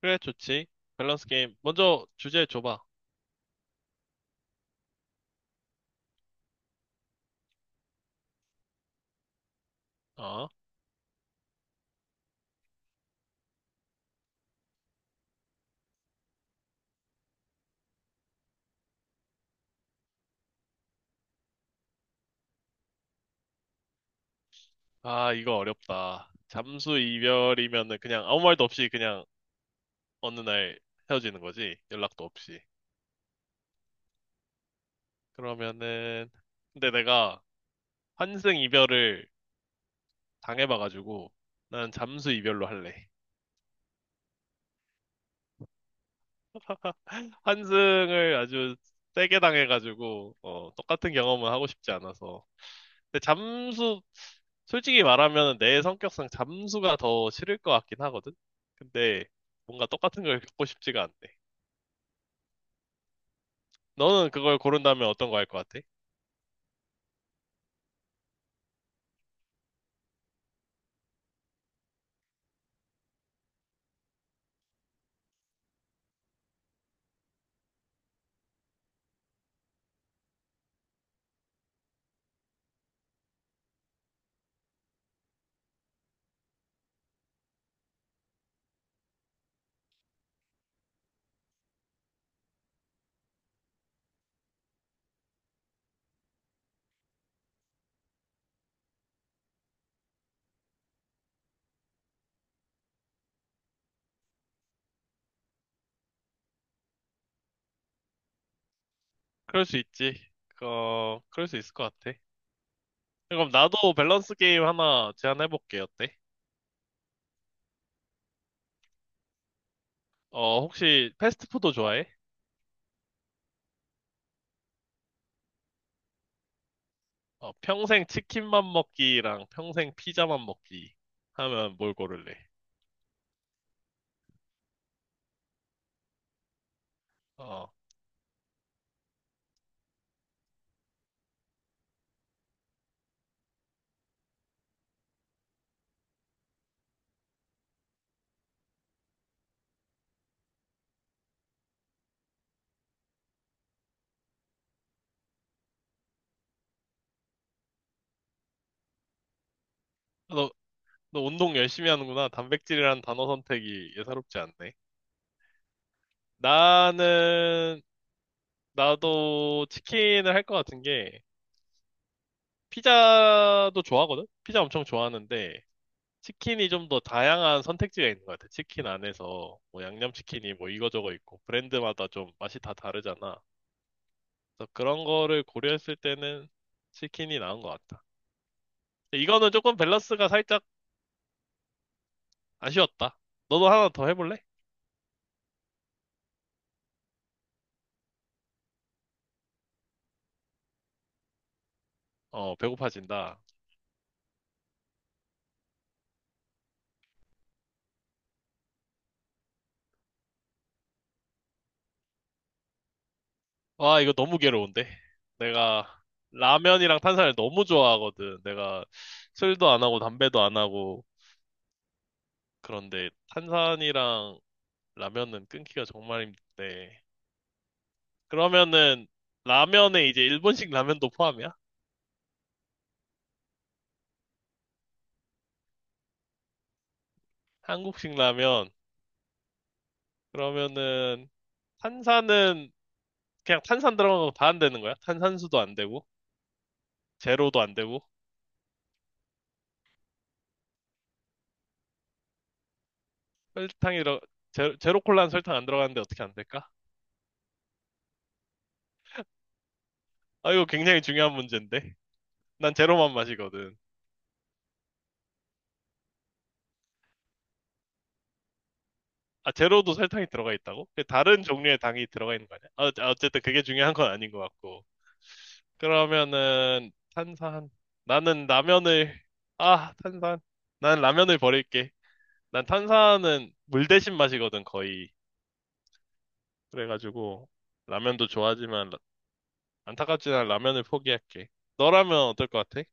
그래, 좋지. 밸런스 게임. 먼저 주제 줘봐. 어? 아, 이거 어렵다. 잠수 이별이면은 그냥 아무 말도 없이 그냥 어느 날 헤어지는 거지. 연락도 없이. 그러면은, 근데 내가 환승 이별을 당해봐가지고, 난 잠수 이별로 할래. 환승을 아주 세게 당해가지고, 어, 똑같은 경험은 하고 싶지 않아서. 근데 잠수, 솔직히 말하면 내 성격상 잠수가 더 싫을 것 같긴 하거든? 근데 뭔가 똑같은 걸 겪고 싶지가 않네. 너는 그걸 고른다면 어떤 거 할 것 같아? 그럴 수 있지. 어, 그럴 수 있을 것 같아. 그럼 나도 밸런스 게임 하나 제안해볼게. 어때? 어, 혹시 패스트푸드 좋아해? 어, 평생 치킨만 먹기랑 평생 피자만 먹기 하면 뭘 고를래? 어, 너, 너 운동 열심히 하는구나. 단백질이란 단어 선택이 예사롭지 않네. 나는, 나도 치킨을 할 것 같은 게, 피자도 좋아하거든? 피자 엄청 좋아하는데, 치킨이 좀 더 다양한 선택지가 있는 것 같아. 치킨 안에서, 뭐, 양념치킨이 뭐 이거저거 있고, 브랜드마다 좀 맛이 다 다르잖아. 그래서 그런 거를 고려했을 때는 치킨이 나은 것 같다. 근데 이거는 조금 밸런스가 살짝 아쉬웠다. 너도 하나 더 해볼래? 어, 배고파진다. 와, 이거 너무 괴로운데? 내가 라면이랑 탄산을 너무 좋아하거든. 내가 술도 안 하고 담배도 안 하고. 그런데 탄산이랑 라면은 끊기가 정말 힘든데. 그러면은 라면에 이제 일본식 라면도 포함이야? 한국식 라면. 그러면은 탄산은 그냥 탄산 들어간 거 다 안 되는 거야? 탄산수도 안 되고, 제로도 안 되고, 설탕이 들어, 제로 콜라는 설탕 안 들어가는데 어떻게 안 될까? 아, 이거 굉장히 중요한 문제인데. 난 제로만 마시거든. 아, 제로도 설탕이 들어가 있다고? 그 다른 종류의 당이 들어가 있는 거 아니야? 어, 아, 어쨌든 그게 중요한 건 아닌 것 같고. 그러면은, 탄산. 나는 라면을, 아, 탄산. 난 라면을 버릴게. 난 탄산은 물 대신 마시거든, 거의. 그래가지고, 라면도 좋아하지만, 안타깝지만 라면을 포기할게. 너라면 어떨 것 같아?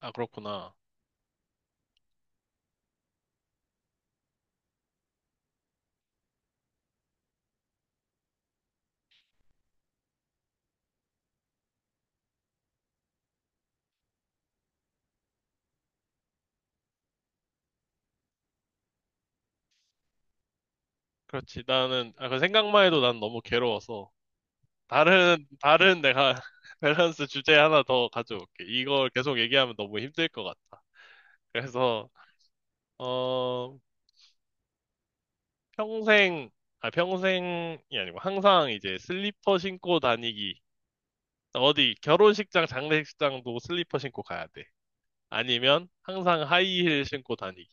아, 그렇구나. 그렇지. 나는, 아, 그 생각만 해도 난 너무 괴로워서. 다른 내가 밸런스 주제 하나 더 가져올게. 이걸 계속 얘기하면 너무 힘들 것 같아. 그래서, 어, 평생, 아, 평생이 아니고 항상 이제 슬리퍼 신고 다니기. 어디, 결혼식장, 장례식장도 슬리퍼 신고 가야 돼. 아니면 항상 하이힐 신고 다니기.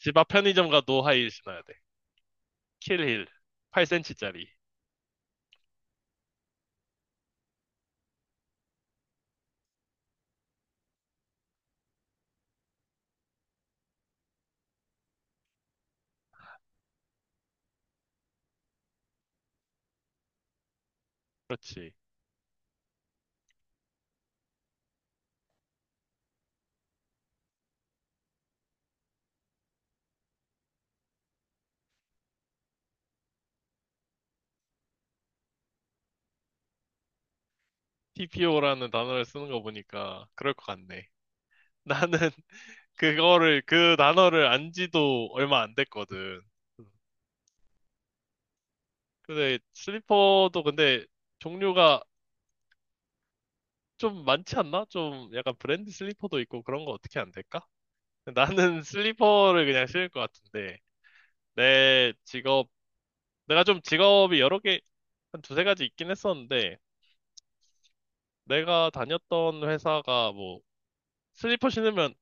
집 앞 편의점 가도 하이힐 신어야 돼. 킬힐. 8cm짜리. 그렇지. TPO라는 단어를 쓰는 거 보니까 그럴 것 같네. 나는 그거를, 그 단어를 안 지도 얼마 안 됐거든. 근데 슬리퍼도 근데 종류가 좀 많지 않나? 좀 약간 브랜드 슬리퍼도 있고 그런 거 어떻게 안 될까? 나는 슬리퍼를 그냥 신을 것 같은데 내 직업 내가 좀 직업이 여러 개 한 두세 가지 있긴 했었는데 내가 다녔던 회사가 뭐 슬리퍼 신으면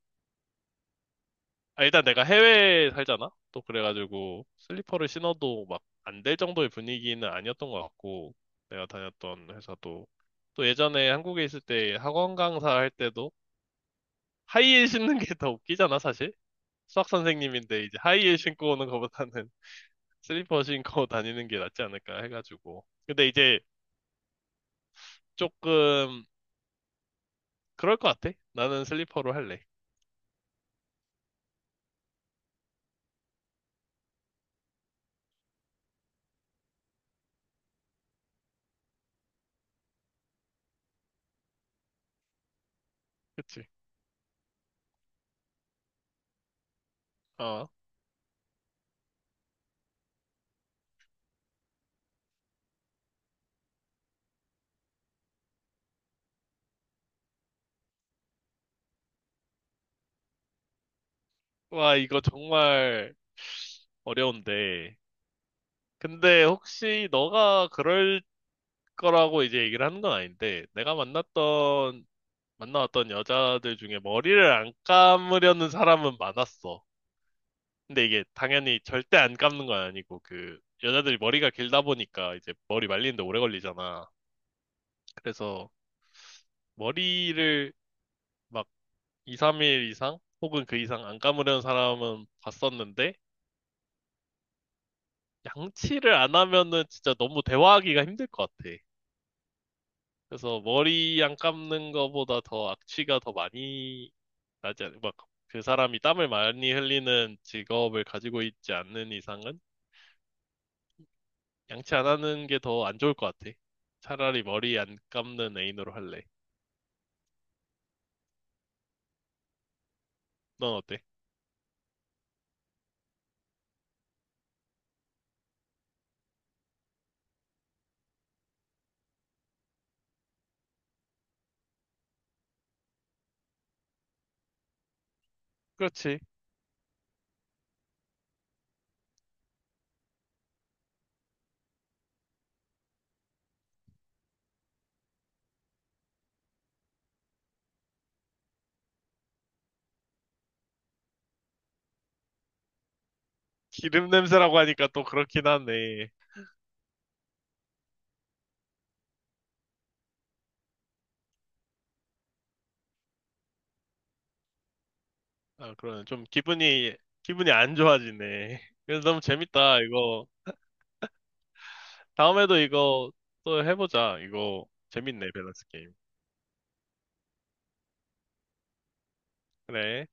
아, 일단 내가 해외에 살잖아? 또 그래가지고 슬리퍼를 신어도 막 안 될 정도의 분위기는 아니었던 것 같고 내가 다녔던 회사도 또 예전에 한국에 있을 때 학원 강사 할 때도 하이힐 신는 게 더 웃기잖아 사실 수학 선생님인데 이제 하이힐 신고 오는 것보다는 슬리퍼 신고 다니는 게 낫지 않을까 해가지고 근데 이제 조금 그럴 것 같아 나는 슬리퍼로 할래 그치 어 와 이거 정말 어려운데 근데 혹시 너가 그럴 거라고 이제 얘기를 하는 건 아닌데, 내가 만나왔던 여자들 중에 머리를 안 감으려는 사람은 많았어. 근데 이게 당연히 절대 안 감는 건 아니고, 그, 여자들이 머리가 길다 보니까 이제 머리 말리는데 오래 걸리잖아. 그래서 머리를 막 2, 3일 이상? 혹은 그 이상 안 감으려는 사람은 봤었는데, 양치를 안 하면은 진짜 너무 대화하기가 힘들 것 같아. 그래서 머리 안 감는 거보다 더 악취가 더 많이 나지 않, 막그 사람이 땀을 많이 흘리는 직업을 가지고 있지 않는 이상은 양치 안 하는 게 더 안 좋을 것 같아. 차라리 머리 안 감는 애인으로 할래. 넌 어때? 그렇지. 기름 냄새라고 하니까 또 그렇긴 하네. 아, 그러네. 좀 기분이 안 좋아지네. 그래서 너무 재밌다, 이거. 다음에도 이거 또 해보자. 이거 재밌네, 밸런스 게임. 그래.